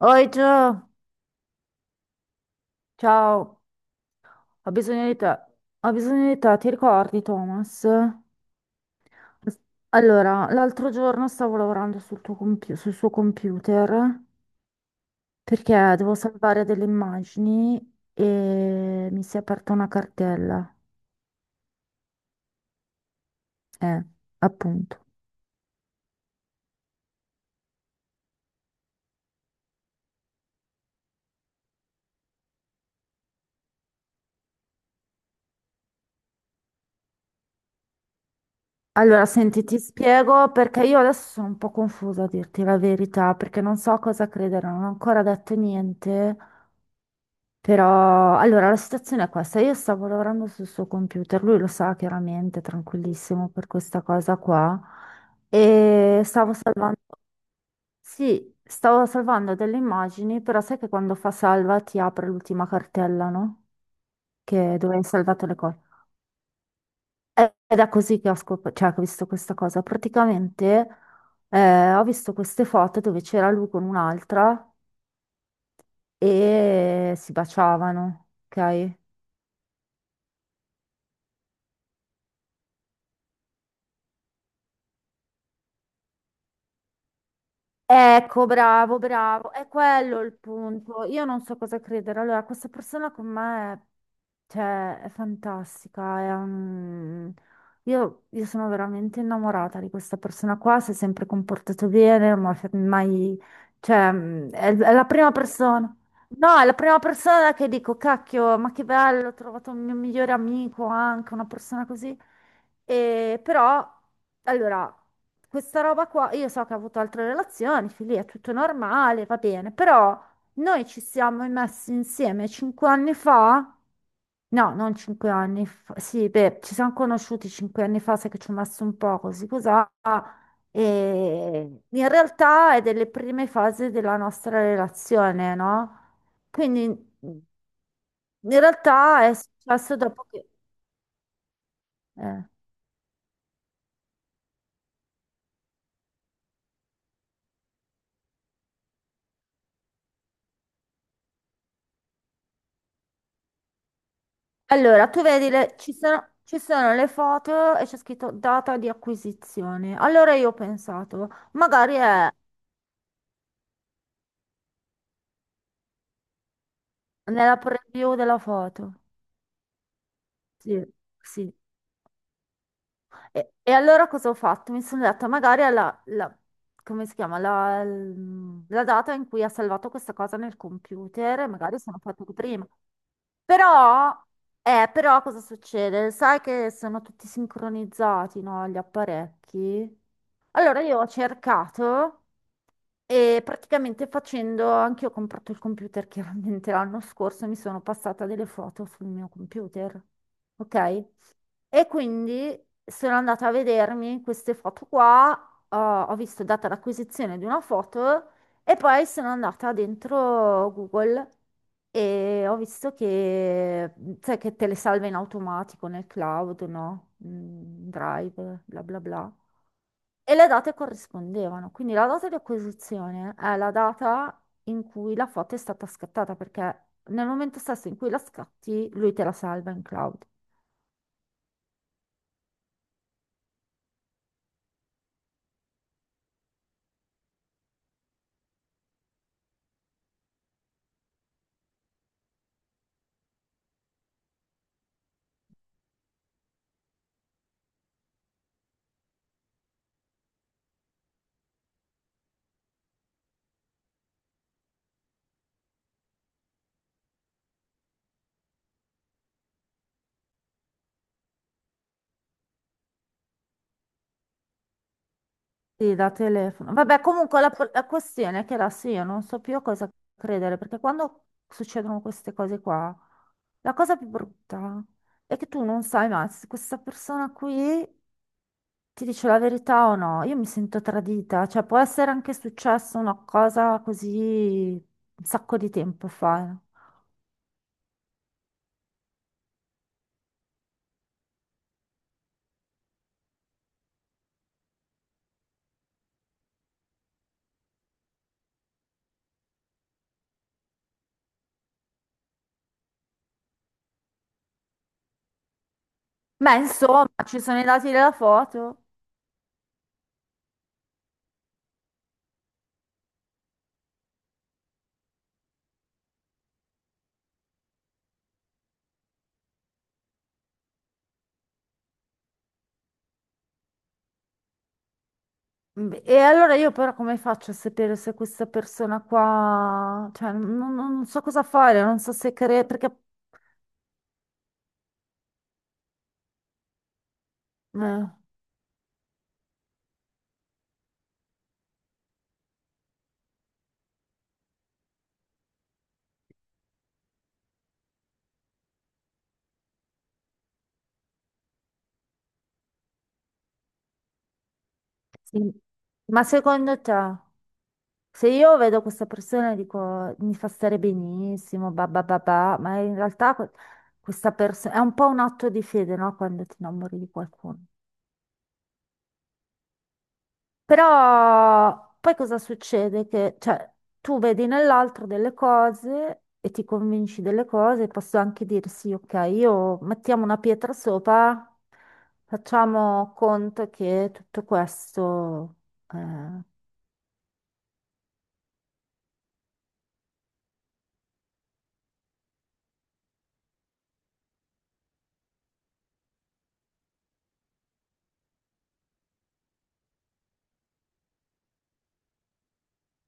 Oi Gio, ciao, ho bisogno di te, ho bisogno di te, ti ricordi Thomas? Allora, l'altro giorno stavo lavorando sul suo computer perché devo salvare delle immagini e mi si è aperta una cartella, eh, appunto. Allora, senti, ti spiego perché io adesso sono un po' confusa a dirti la verità, perché non so a cosa credere, non ho ancora detto niente. Però, allora, la situazione è questa. Io stavo lavorando sul suo computer, lui lo sa chiaramente, tranquillissimo per questa cosa qua. E stavo salvando, sì, stavo salvando delle immagini, però sai che quando fa salva ti apre l'ultima cartella, no? Che dove hai salvato le cose. Ed è così che cioè, che ho visto questa cosa. Praticamente ho visto queste foto dove c'era lui con un'altra e si baciavano, ok? Ecco, bravo, bravo, è quello il punto. Io non so cosa credere. Allora, questa persona con me è, cioè, è fantastica. Io sono veramente innamorata di questa persona qua. Si è sempre comportato bene, ma mai, cioè, è la prima persona. No, è la prima persona che dico, cacchio, ma che bello, ho trovato un mio migliore amico anche, una persona così. E, però, allora, questa roba qua, io so che ha avuto altre relazioni, figli, è tutto normale, va bene, però noi ci siamo messi insieme cinque anni fa, no, non cinque anni fa, sì, beh, ci siamo conosciuti cinque anni fa, sai che ci ho messo un po' così, cos'ha, e in realtà è delle prime fasi della nostra relazione, no? Quindi in realtà è successo dopo che... eh. Allora, tu vedi, ci sono le foto e c'è scritto data di acquisizione. Allora io ho pensato, magari è nella preview della foto. Sì, sì. E allora cosa ho fatto? Mi sono detta, magari è come si chiama? La data in cui ha salvato questa cosa nel computer, e magari sono foto di prima. Però, però cosa succede? Sai che sono tutti sincronizzati, no, gli apparecchi? Allora io ho cercato e praticamente facendo, anche io ho comprato il computer chiaramente l'anno scorso, mi sono passata delle foto sul mio computer, ok? E quindi sono andata a vedermi queste foto qua, ho visto data l'acquisizione di una foto e poi sono andata dentro Google e ho visto che, cioè, che te le salva in automatico nel cloud, no? Drive, bla bla bla. E le date corrispondevano, quindi la data di acquisizione è la data in cui la foto è stata scattata, perché nel momento stesso in cui la scatti, lui te la salva in cloud. Sì, da telefono. Vabbè, comunque la questione è che adesso io non so più a cosa credere, perché quando succedono queste cose qua, la cosa più brutta è che tu non sai mai se questa persona qui ti dice la verità o no. Io mi sento tradita, cioè può essere anche successa una cosa così un sacco di tempo fa. No? Ma insomma, ci sono i dati della foto. Beh, e allora io però come faccio a sapere se questa persona qua, cioè non so cosa fare, non so se credere, perché... eh, sì. Ma secondo te, se io vedo questa persona e dico mi fa stare benissimo, ba ba ba ba", ma in realtà questa persona è un po' un atto di fede, no? Quando ti innamori di qualcuno. Però poi cosa succede? Che cioè, tu vedi nell'altro delle cose e ti convinci delle cose, posso anche dire sì, ok, io mettiamo una pietra sopra, facciamo conto che tutto questo... eh,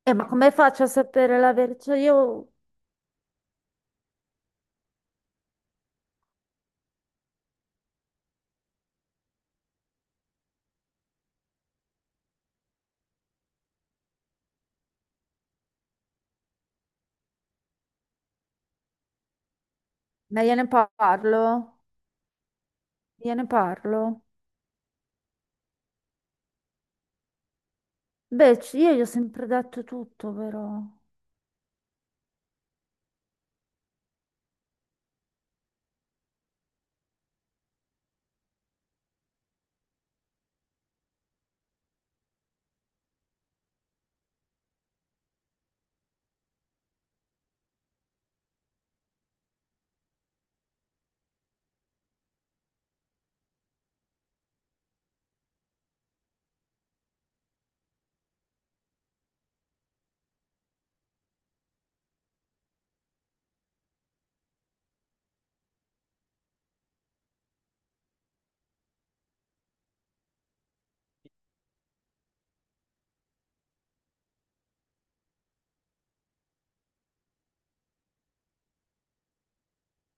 ma come faccio a sapere la verità? Cioè, io ma gliene parlo, gliene parlo. Beh, io gli ho sempre detto tutto, però.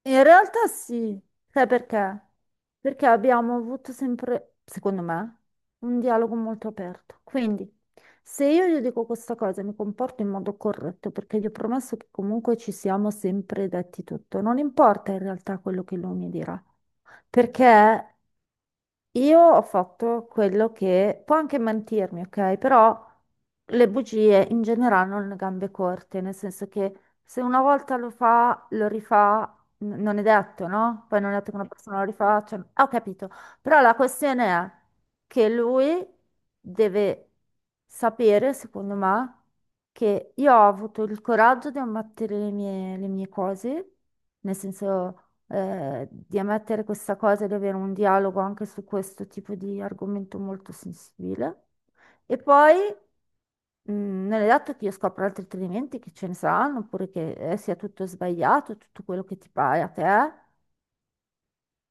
In realtà sì, sai perché? Perché abbiamo avuto sempre, secondo me, un dialogo molto aperto. Quindi, se io gli dico questa cosa, mi comporto in modo corretto, perché gli ho promesso che comunque ci siamo sempre detti tutto. Non importa in realtà quello che lui mi dirà, perché io ho fatto quello che può anche mentirmi, ok? Però le bugie in generale hanno le gambe corte, nel senso che se una volta lo fa, lo rifà, non è detto, no? Poi non è detto che una persona lo rifaccia. Ah, ho capito. Però la questione è che lui deve sapere, secondo me, che io ho avuto il coraggio di ammettere le mie cose, nel senso di ammettere questa cosa e di avere un dialogo anche su questo tipo di argomento molto sensibile. E poi non è dato che io scopra altri tradimenti che ce ne saranno, oppure che sia tutto sbagliato, tutto quello che ti pare a te,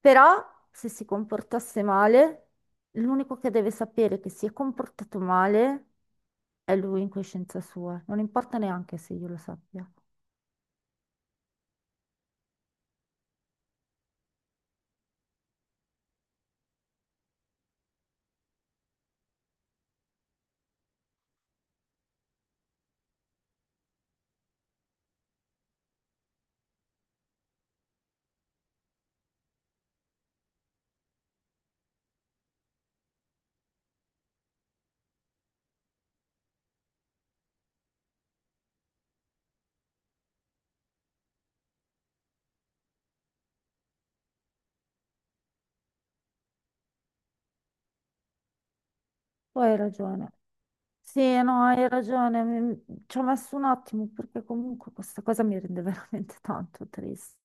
però se si comportasse male, l'unico che deve sapere che si è comportato male è lui in coscienza sua, non importa neanche se io lo sappia. Poi hai ragione. Sì, no, hai ragione, ci ho messo un attimo perché comunque questa cosa mi rende veramente tanto triste.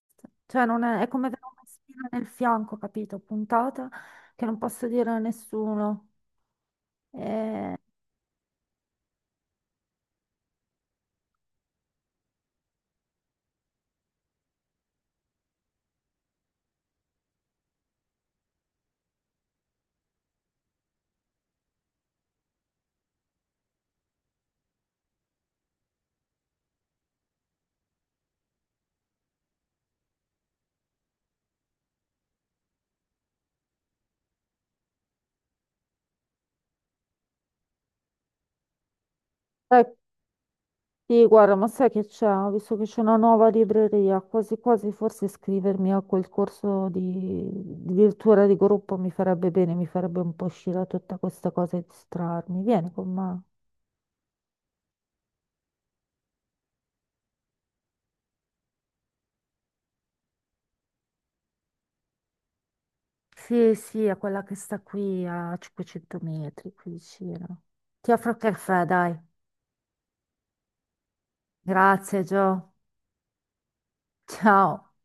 Cioè, non è, è come avere una spina nel fianco, capito? Puntata che non posso dire a nessuno. E... Eh, sì, guarda, ma sai che c'è? Ho visto che c'è una nuova libreria, quasi quasi forse iscrivermi a quel corso di, virtuale di gruppo mi farebbe bene, mi farebbe un po' uscire da tutta questa cosa e distrarmi. Vieni con me. Sì, sì, è quella che sta qui a 500 metri, qui vicino. Ti offro il caffè, dai. Grazie, Gio. Ciao.